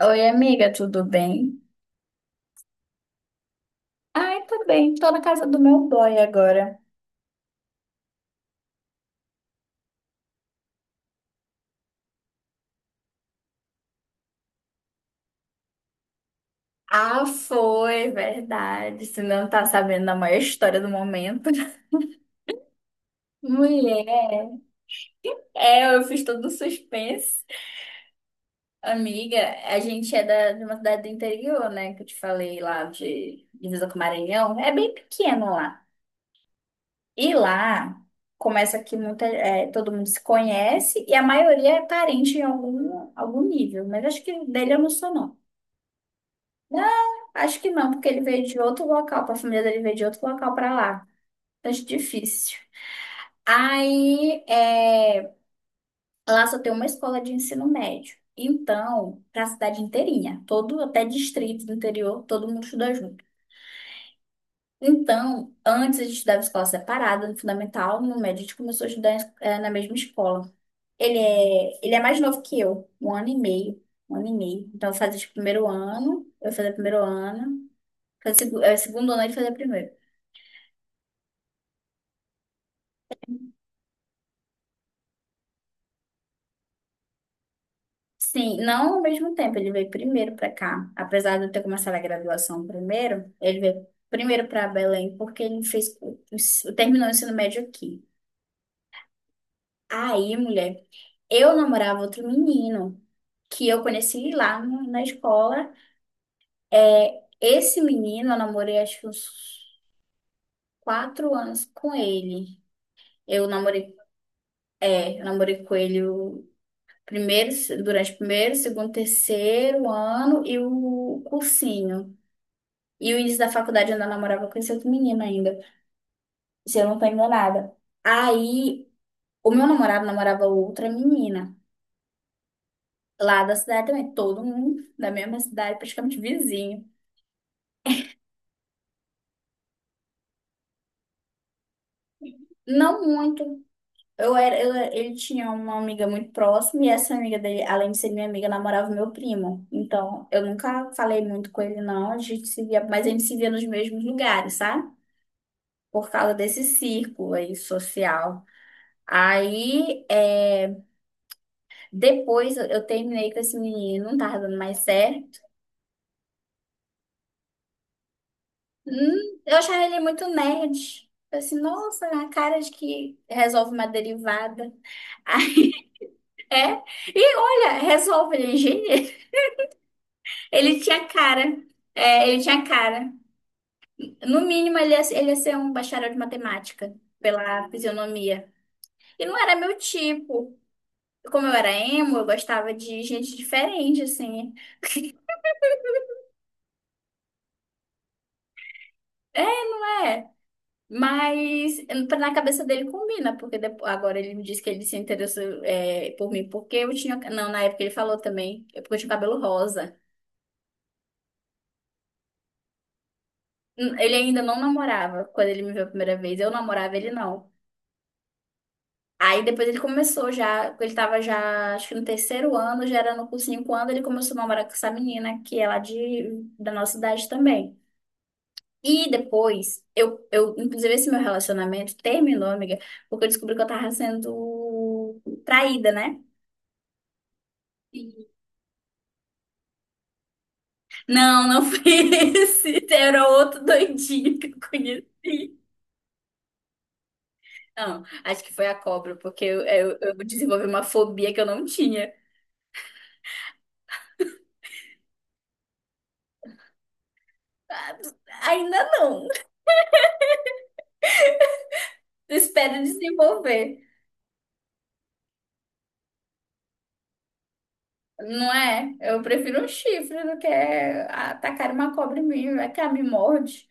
Oi, amiga, tudo bem? Ai, tudo bem. Tô na casa do meu boy agora. Ah, foi, verdade. Você não tá sabendo da maior história do momento. Mulher, eu fiz todo um suspense. Amiga, a gente é de uma cidade do interior, né? Que eu te falei lá de divisa com o Maranhão. É bem pequeno lá. E lá começa que todo mundo se conhece e a maioria é parente em algum nível. Mas acho que dele eu não sou, não. Não, acho que não, porque ele veio de outro local, a família dele veio de outro local pra lá. Acho difícil. Aí, lá só tem uma escola de ensino médio. Então, para a cidade inteirinha, todo até distrito do interior, todo mundo estuda junto. Então, antes a gente estudava escola separada, no fundamental, no médio a gente começou a estudar na mesma escola. Ele é mais novo que eu, um ano e meio, um ano e meio. Então, eu fazia tipo, primeiro ano, eu fazia primeiro ano, segundo ano ele fazia primeiro. Sim, não ao mesmo tempo, ele veio primeiro para cá. Apesar de eu ter começado a graduação primeiro, ele veio primeiro para Belém porque ele fez terminou o ensino médio aqui. Aí, mulher, eu namorava outro menino que eu conheci lá na escola. É, esse menino eu namorei acho que uns 4 anos com ele. Eu namorei, eu namorei com ele o primeiro, durante o primeiro, segundo, terceiro ano e o cursinho. E o início da faculdade eu ainda namorava com esse outro menino ainda, se eu não tô enganada. Aí, o meu namorado namorava outra menina, lá da cidade também, todo mundo da mesma cidade, praticamente vizinho. Não muito. Ele tinha uma amiga muito próxima e essa amiga dele, além de ser minha amiga, namorava meu primo. Então, eu nunca falei muito com ele, não. A gente se via, mas a gente se via nos mesmos lugares, sabe? Por causa desse círculo aí social. Aí, é Depois eu terminei com esse menino, não tava dando mais certo. Eu achava ele muito nerd. Eu assim, nossa, a cara de que resolve uma derivada. É, e olha, resolve, ele é engenheiro. Ele tinha cara. É, ele tinha cara. No mínimo, ele ia ser um bacharel de matemática, pela fisionomia. E não era meu tipo. Como eu era emo, eu gostava de gente diferente, assim. Mas na cabeça dele combina, porque depois, agora ele me disse que ele se interessou por mim, porque eu tinha. Não, na época ele falou também, é porque eu tinha cabelo rosa. Ele ainda não namorava quando ele me viu a primeira vez, eu namorava ele não. Aí depois ele começou já, ele tava já, acho que no terceiro ano, já era no cursinho, quando ele começou a namorar com essa menina, que é lá da nossa idade também. E depois, inclusive esse meu relacionamento terminou, amiga, porque eu descobri que eu tava sendo traída, né? Não, não foi esse. Era outro doidinho que eu conheci. Não, acho que foi a cobra, porque eu desenvolvi uma fobia que eu não tinha. Ah, ainda não. Espero desenvolver. Não é? Eu prefiro um chifre do que atacar uma cobra em mim, vai que ela me morde.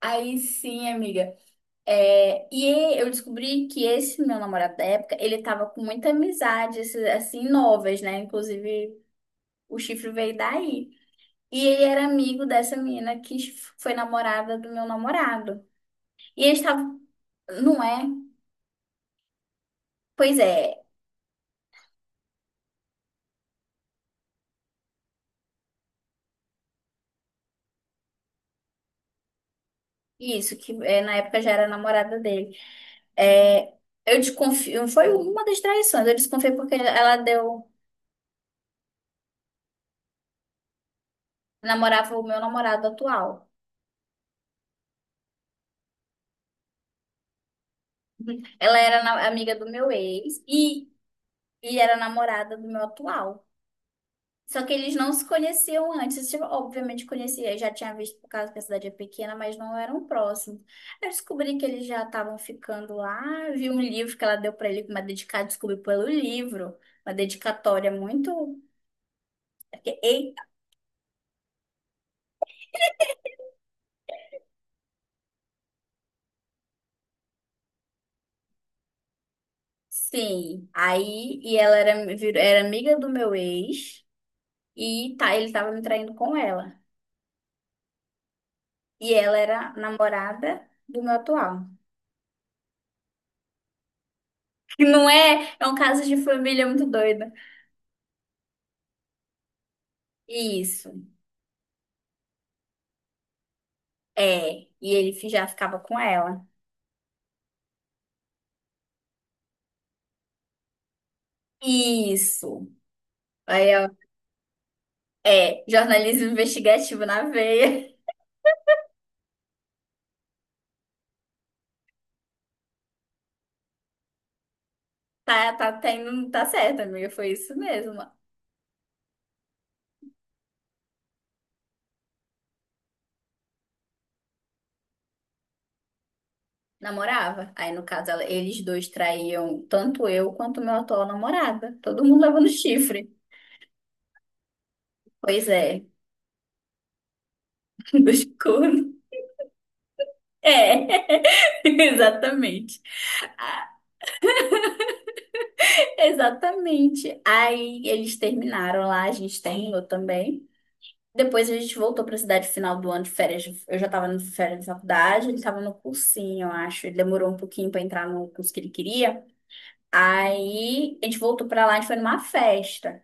Aí sim, amiga. É, e eu descobri que esse meu namorado da época, ele tava com muita amizade, esses, assim, novas, né? Inclusive, o chifre veio daí. E ele era amigo dessa menina que foi namorada do meu namorado. E eles estavam. Não é? Pois é, isso, que é, na época já era namorada dele. É, eu desconfio. Foi uma das traições. Eu desconfiei porque ela deu. Namorava o meu namorado atual. Amiga do meu ex e era namorada do meu atual. Só que eles não se conheciam antes. Tipo, obviamente conhecia, já tinha visto por causa que a cidade é pequena, mas não eram próximos. Eu descobri que eles já estavam ficando lá, vi um livro que ela deu pra ele, uma dedicada, descobri pelo livro, uma dedicatória muito. E, sim, aí e era amiga do meu ex e tá, ele tava me traindo com ela. E ela era namorada do meu atual. Que não é, é um caso de família muito doido. Isso. É, e ele já ficava com ela. Isso. Aí, ó, jornalismo investigativo na veia. Tá, tá, tá, tá certo, amiga, foi isso mesmo. Namorava. Aí, no caso, eles dois traíam tanto eu quanto meu atual namorado. Todo mundo levando chifre. Pois é, dos cornos. É, exatamente. Ah, exatamente. Aí eles terminaram lá, a gente terminou também. Depois a gente voltou pra cidade final do ano de férias. Eu já tava no férias de faculdade, ele tava no cursinho, eu acho. Ele demorou um pouquinho pra entrar no curso que ele queria. Aí a gente voltou pra lá, a gente foi numa festa.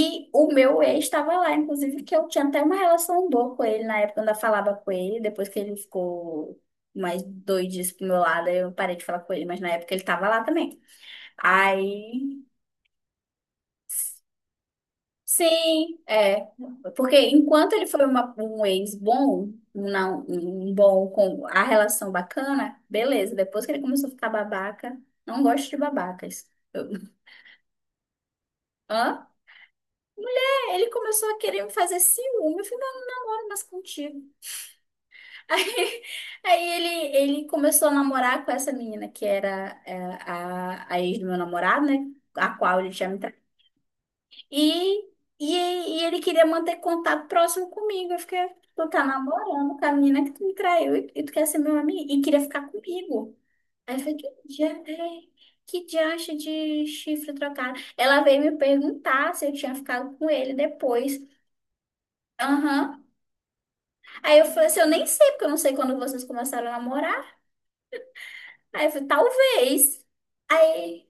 E o meu ex estava lá, inclusive, que eu tinha até uma relação boa com ele na época, eu ainda falava com ele. Depois que ele ficou mais doidinho pro meu lado, aí eu parei de falar com ele, mas na época ele tava lá também. Aí sim, é. Porque enquanto ele foi um ex bom, um não, um bom com a relação bacana, beleza. Depois que ele começou a ficar babaca, não gosto de babacas. Hã? É, ele começou a querer me fazer ciúme. Eu falei, não, eu não namoro mais contigo. Aí, aí ele começou a namorar com essa menina que era a ex do meu namorado, né? A qual ele já me. E, e, e ele queria manter contato próximo comigo. Eu fiquei, tu tá namorando com a menina que tu me traiu e tu quer ser meu amigo e queria ficar comigo. Aí eu falei, que diacho de chifre trocado. Ela veio me perguntar se eu tinha ficado com ele depois. Aham. Aí eu falei assim, eu nem sei, porque eu não sei quando vocês começaram a namorar. Aí eu falei, talvez. Aí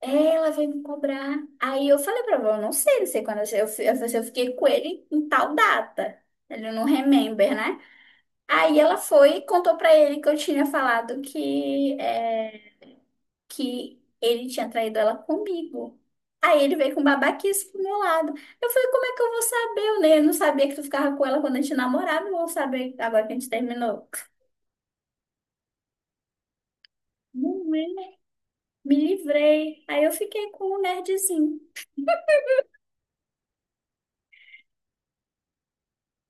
É, ela veio me cobrar. Aí eu falei pra ela, eu não sei, não sei quando falei assim, eu fiquei com ele em tal data. Ele não remember, né? Aí ela foi e contou pra ele que eu tinha falado que, é, que ele tinha traído ela comigo. Aí ele veio com babaquice pro meu lado. Eu falei, como é que eu vou saber? Eu não sabia que tu ficava com ela quando a gente namorava, eu vou saber agora que a gente terminou. Não é? Me livrei. Aí eu fiquei com o nerdzinho.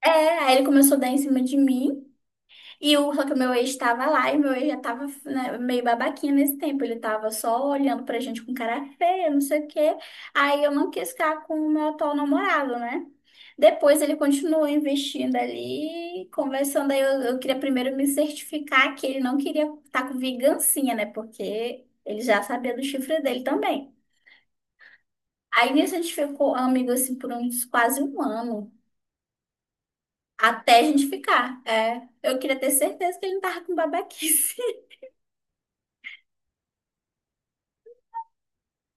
É, aí ele começou a dar em cima de mim. E o, só que o meu ex estava lá e meu ex já estava né, meio babaquinho nesse tempo. Ele estava só olhando pra gente com cara feia, não sei o quê. Aí eu não quis ficar com o meu atual namorado, né? Depois ele continuou investindo ali, conversando. Aí eu queria primeiro me certificar que ele não queria estar com vingancinha, né? Porque ele já sabia do chifre dele também. Aí nisso a gente ficou amigo assim por uns quase um ano. Até a gente ficar. É, eu queria ter certeza que ele não tava com babaquice.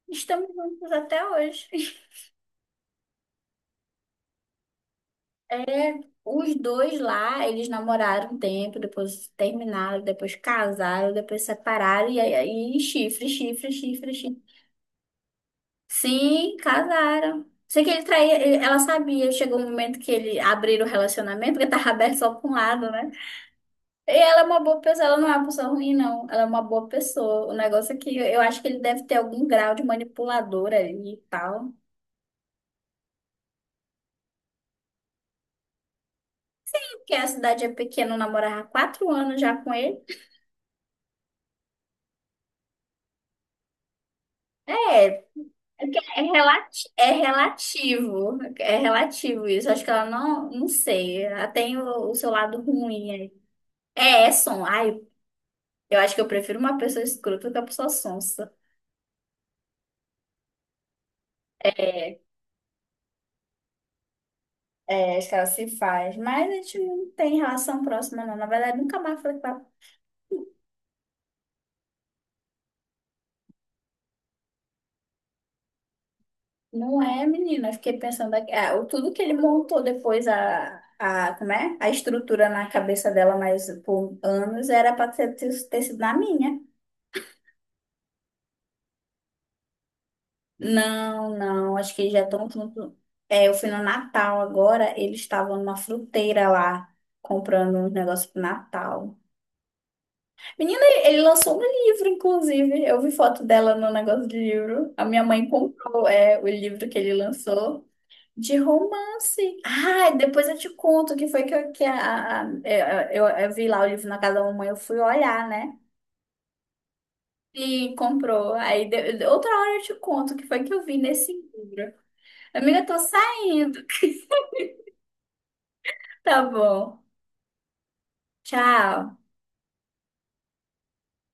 Estamos juntos até hoje. É, os dois lá, eles namoraram um tempo, depois terminaram, depois casaram, depois separaram, e aí chifre, chifre, chifre, chifre. Sim, casaram. Sei que ele traía, ela sabia, chegou um momento que ele abriram o relacionamento, porque tava aberto só pra um lado, né? E ela é uma boa pessoa, ela não é uma pessoa ruim, não. Ela é uma boa pessoa. O negócio é que eu acho que ele deve ter algum grau de manipulador ali e tal. Porque a cidade é pequena, eu namorava há 4 anos já com ele. É, é que é relativo isso. Acho que ela não, não sei. Ela tem o seu lado ruim aí. É, é som. Ai, eu acho que eu prefiro uma pessoa escrota do que uma pessoa sonsa. É, é, acho que ela se faz. Mas a gente não tem relação próxima, não. Na verdade, nunca mais falei com ela. Não é, menina. Eu fiquei pensando aqui. Ah, tudo que ele montou depois, como é? A estrutura na cabeça dela, mas por anos, era pra ter sido na minha. Não, não, acho que eles já estão junto. É, eu fui no Natal agora, eles estavam numa fruteira lá, comprando uns negócios pro Natal. Menina, ele lançou um livro, inclusive. Eu vi foto dela no negócio de livro. A minha mãe comprou, é, o livro que ele lançou de romance. Ah, depois eu te conto o que foi que, eu, que a- eu vi lá o livro na casa da mamãe, eu fui olhar, né? E comprou. Aí outra hora eu te conto o que foi que eu vi nesse livro. Amiga, eu tô saindo. Tá bom. Tchau.